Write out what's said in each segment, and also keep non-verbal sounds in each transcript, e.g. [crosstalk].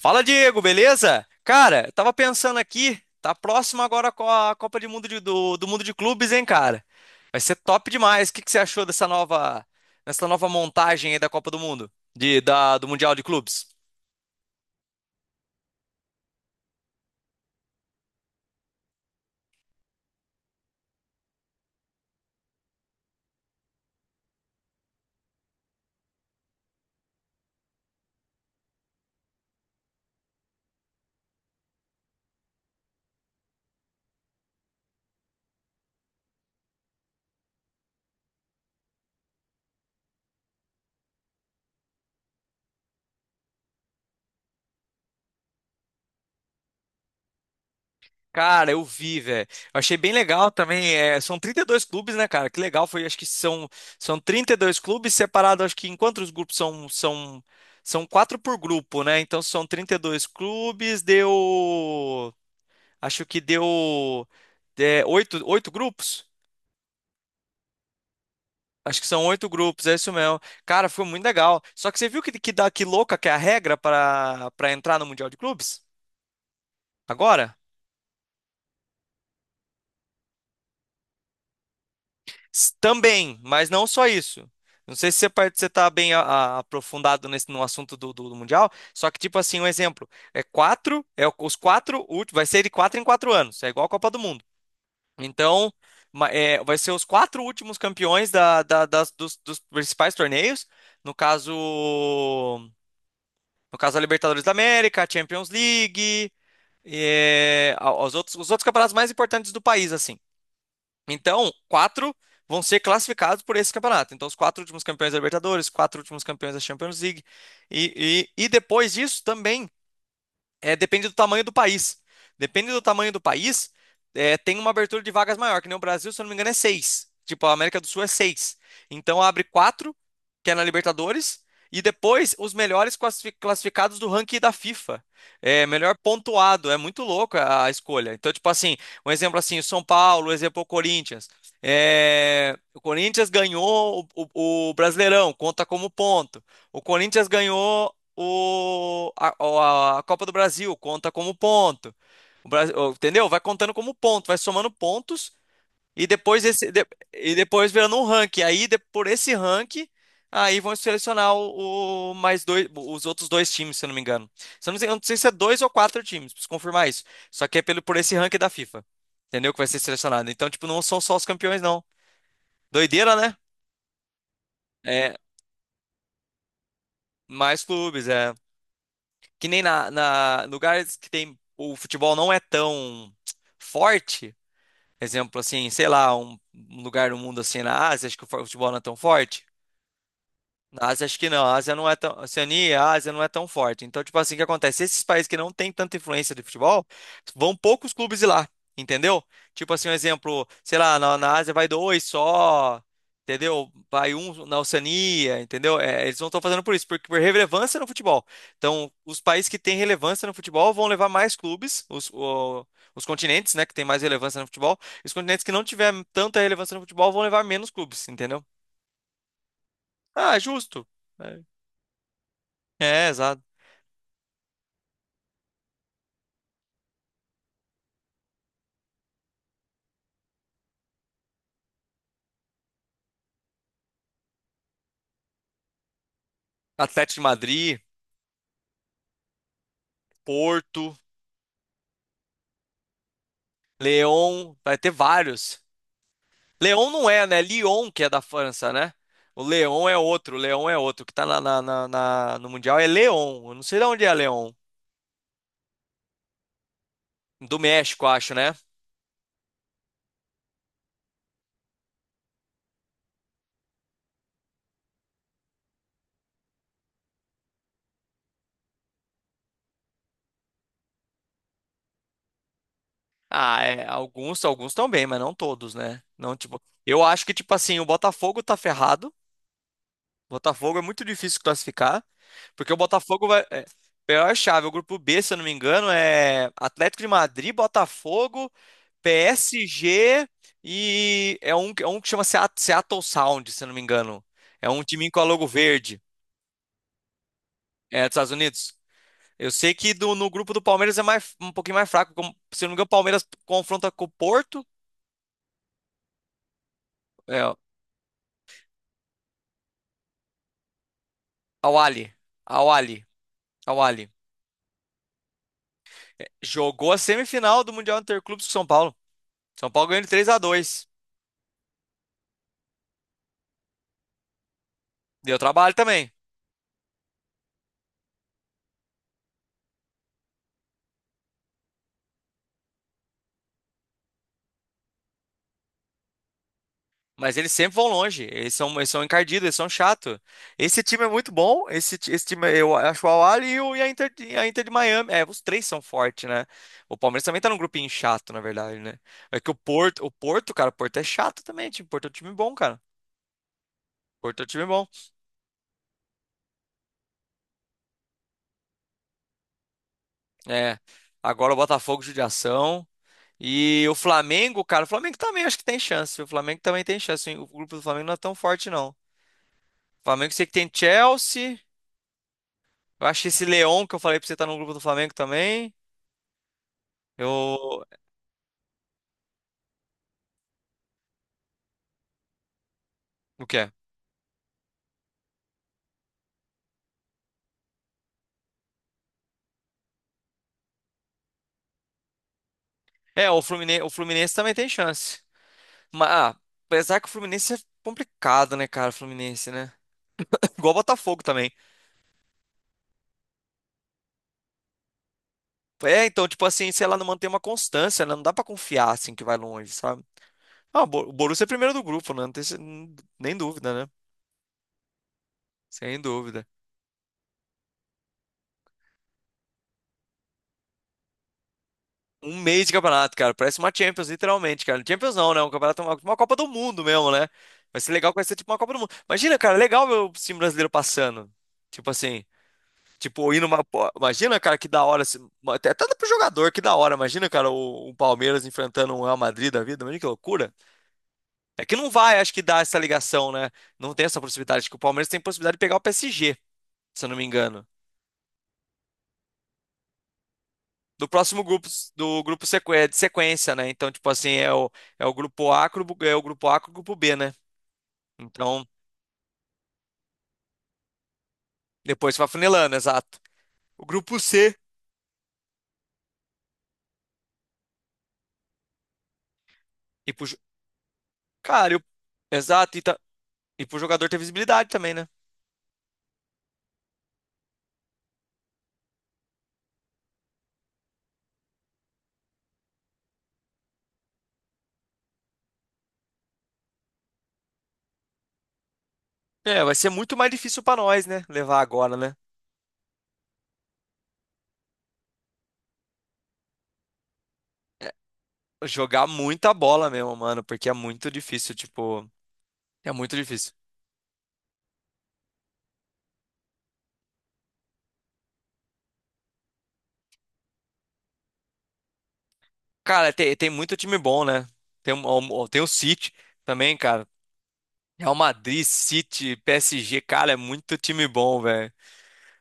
Fala, Diego, beleza? Cara, eu tava pensando aqui, tá próximo agora com a Copa de Mundo do Mundo de Clubes, hein, cara? Vai ser top demais. O que que você achou dessa nova montagem aí da Copa do Mundo, do Mundial de Clubes? Cara, eu vi, velho. Eu achei bem legal também. É, são 32 clubes, né, cara? Que legal foi. Acho que são 32 clubes separados. Acho que enquanto os grupos são quatro por grupo, né? Então são 32 clubes, deu. Acho que deu oito grupos. Acho que são oito grupos, é isso mesmo. Cara, foi muito legal. Só que você viu que louca que é a regra para entrar no Mundial de Clubes? Agora? Também, mas não só isso. Não sei se você tá bem aprofundado no assunto do Mundial, só que, tipo assim, um exemplo. É quatro, os quatro últimos, vai ser de quatro em quatro anos. É igual a Copa do Mundo. Então, vai ser os quatro últimos campeões dos principais torneios. No caso, no caso, a Libertadores da América, a Champions League, os outros campeonatos mais importantes do país, assim. Então, quatro vão ser classificados por esse campeonato. Então, os quatro últimos campeões da Libertadores, quatro últimos campeões da Champions League. E depois disso também. É, depende do tamanho do país. Depende do tamanho do país, tem uma abertura de vagas maior, que nem o Brasil, se eu não me engano, é seis. Tipo, a América do Sul é seis. Então abre quatro, que é na Libertadores, e depois os melhores classificados do ranking da FIFA. É, melhor pontuado, é muito louco a escolha. Então, tipo assim, um exemplo assim, o São Paulo, um exemplo o Corinthians. É, o Corinthians ganhou o Brasileirão, conta como ponto. O Corinthians ganhou o, a, a Copa do Brasil conta como ponto. O Brasil, entendeu? Vai contando como ponto, vai somando pontos e depois e depois virando um ranking. Por esse ranking aí vão selecionar o mais dois, os outros dois times, se eu não me engano. Se eu não sei, eu não sei se é dois ou quatro times, preciso confirmar isso. Só que é pelo por esse ranking da FIFA. Entendeu? Que vai ser selecionado. Então, tipo, não são só os campeões, não. Doideira, né? É, mais clubes, é. Que nem na lugares que tem o futebol não é tão forte, exemplo assim, sei lá, um lugar no mundo assim na Ásia, acho que o futebol não é tão forte. Na Ásia, acho que não. A Ásia não é tão. Oceania e a Ásia não é tão forte. Então, tipo assim, o que acontece? Esses países que não têm tanta influência de futebol, vão poucos clubes ir lá, entendeu? Tipo assim, um exemplo, sei lá, na Ásia vai dois só, entendeu? Vai um na Oceania, entendeu? É, eles não estão fazendo por isso, porque por relevância no futebol. Então, os países que têm relevância no futebol vão levar mais clubes, os continentes, né, que têm mais relevância no futebol, e os continentes que não tiver tanta relevância no futebol vão levar menos clubes, entendeu? Ah, justo. É, é, exato. Atlético de Madrid, Porto, Lyon, vai ter vários. Lyon não é, né? Lyon que é da França, né? O Lyon é outro, o Lyon é outro. O que tá no Mundial é Lyon. Eu não sei de onde é Lyon. Do México, acho, né? Ah, é, alguns estão bem, mas não todos, né? Não, tipo, eu acho que, tipo assim, o Botafogo tá ferrado. O Botafogo é muito difícil classificar, porque o Botafogo vai. É, pior chave, o grupo B, se eu não me engano, é Atlético de Madrid, Botafogo. PSG e é um que chama Seattle Sound, se eu não me engano. É um timinho com a logo verde, é dos Estados Unidos. Eu sei que no grupo do Palmeiras um pouquinho mais fraco. Se eu não me engano, o Palmeiras confronta com o Porto. É, Al Ahly, Al Ahly, Al Ahly. Jogou a semifinal do Mundial Interclubes com São Paulo. São Paulo ganhou de 3-2. Deu trabalho também. Mas eles sempre vão longe. Eles são encardidos, eles são chato. Esse time é muito bom. Esse time, eu acho o Al Ahly e a Inter de Miami. É, os três são fortes, né? O Palmeiras também tá num grupinho chato, na verdade, né? É que o Porto, cara, o Porto é chato também. Tipo, o Porto é um time bom, cara. O Porto é um time bom. É. Agora o Botafogo, judiação. E o Flamengo, cara, o Flamengo também acho que tem chance. O Flamengo também tem chance. O grupo do Flamengo não é tão forte, não. O Flamengo sei que tem Chelsea. Eu acho que esse leão que eu falei pra você tá no grupo do Flamengo também. Eu. O que é? É, o Fluminense também tem chance. Mas, ah, apesar que o Fluminense é complicado, né, cara? O Fluminense, né? [laughs] Igual o Botafogo também. É, então, tipo assim, se ela não mantém uma constância, né? Não dá pra confiar, assim, que vai longe, sabe? Ah, o Borussia é primeiro do grupo, né? Não tem, nem dúvida, né? Sem dúvida. Um mês de campeonato, cara. Parece uma Champions, literalmente, cara. Champions não, né? Um campeonato, uma Copa do Mundo mesmo, né? Vai ser legal que vai ser tipo uma Copa do Mundo. Imagina, cara, legal ver o time brasileiro passando. Tipo assim, tipo, indo uma. Pô, imagina, cara, que da hora. Assim, até pro jogador, que da hora. Imagina, cara, o Palmeiras enfrentando um Real Madrid da vida. Imagina que loucura. É que não vai, acho que, dar essa ligação, né? Não tem essa possibilidade. Acho que o Palmeiras tem possibilidade de pegar o PSG, se eu não me engano. Do próximo grupo, do grupo de sequência, né? Então, tipo assim, é o grupo A, com o grupo B, né? Então, depois vai funilando, exato. O grupo C, e pro, jo- cara, exato, e, tá, e pro jogador ter visibilidade também, né? É, vai ser muito mais difícil pra nós, né? Levar agora, né? É, jogar muita bola mesmo, mano, porque é muito difícil, tipo, é muito difícil. Cara, tem muito time bom, né? Tem o City também, cara. Real Madrid, City, PSG, cara, é muito time bom, velho.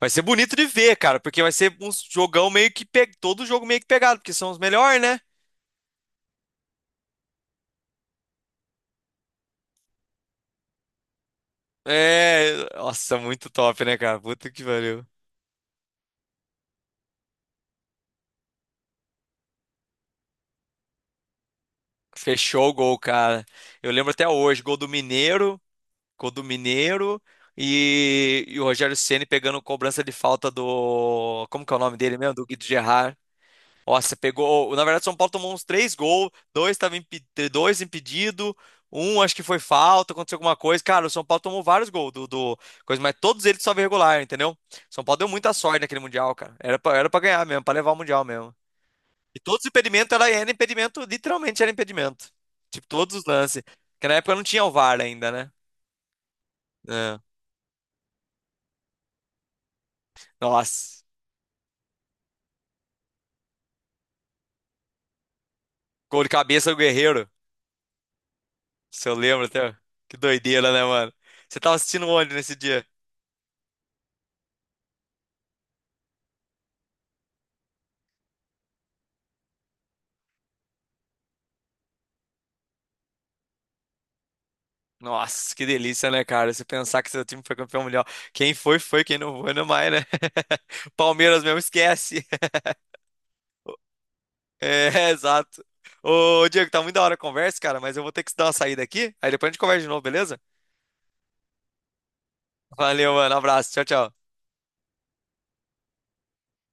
Vai ser bonito de ver, cara, porque vai ser um jogão meio que todo jogo meio que pegado, porque são os melhores, né? É, nossa, muito top, né, cara? Puta que pariu. Fechou o gol, cara. Eu lembro até hoje, gol do Mineiro e o Rogério Ceni pegando cobrança de falta do, como que é o nome dele mesmo? Do Guido Gerard. Ó, você pegou. Na verdade, o São Paulo tomou uns três gols, dois estavam dois impedido, um acho que foi falta, aconteceu alguma coisa. Cara, o São Paulo tomou vários gols do coisa, mas todos eles só regular, entendeu? São Paulo deu muita sorte naquele Mundial, cara. Era pra ganhar mesmo, pra levar o Mundial mesmo. E todos os impedimentos era impedimento, literalmente era impedimento. Tipo, todos os lances. Porque na época não tinha o VAR ainda, né? É. Nossa, gol de cabeça do Guerreiro. Se eu lembro até. Que doideira, né, mano? Você tava assistindo onde nesse dia? Nossa, que delícia, né, cara? Você pensar que seu time foi campeão mundial. Quem foi, foi. Quem não foi, não é mais, né? [laughs] Palmeiras mesmo, esquece. [laughs] É, exato. Ô, Diego, tá muito a hora a conversa, cara. Mas eu vou ter que dar uma saída aqui. Aí depois a gente conversa de novo, beleza? Valeu, mano. Abraço. Tchau, tchau.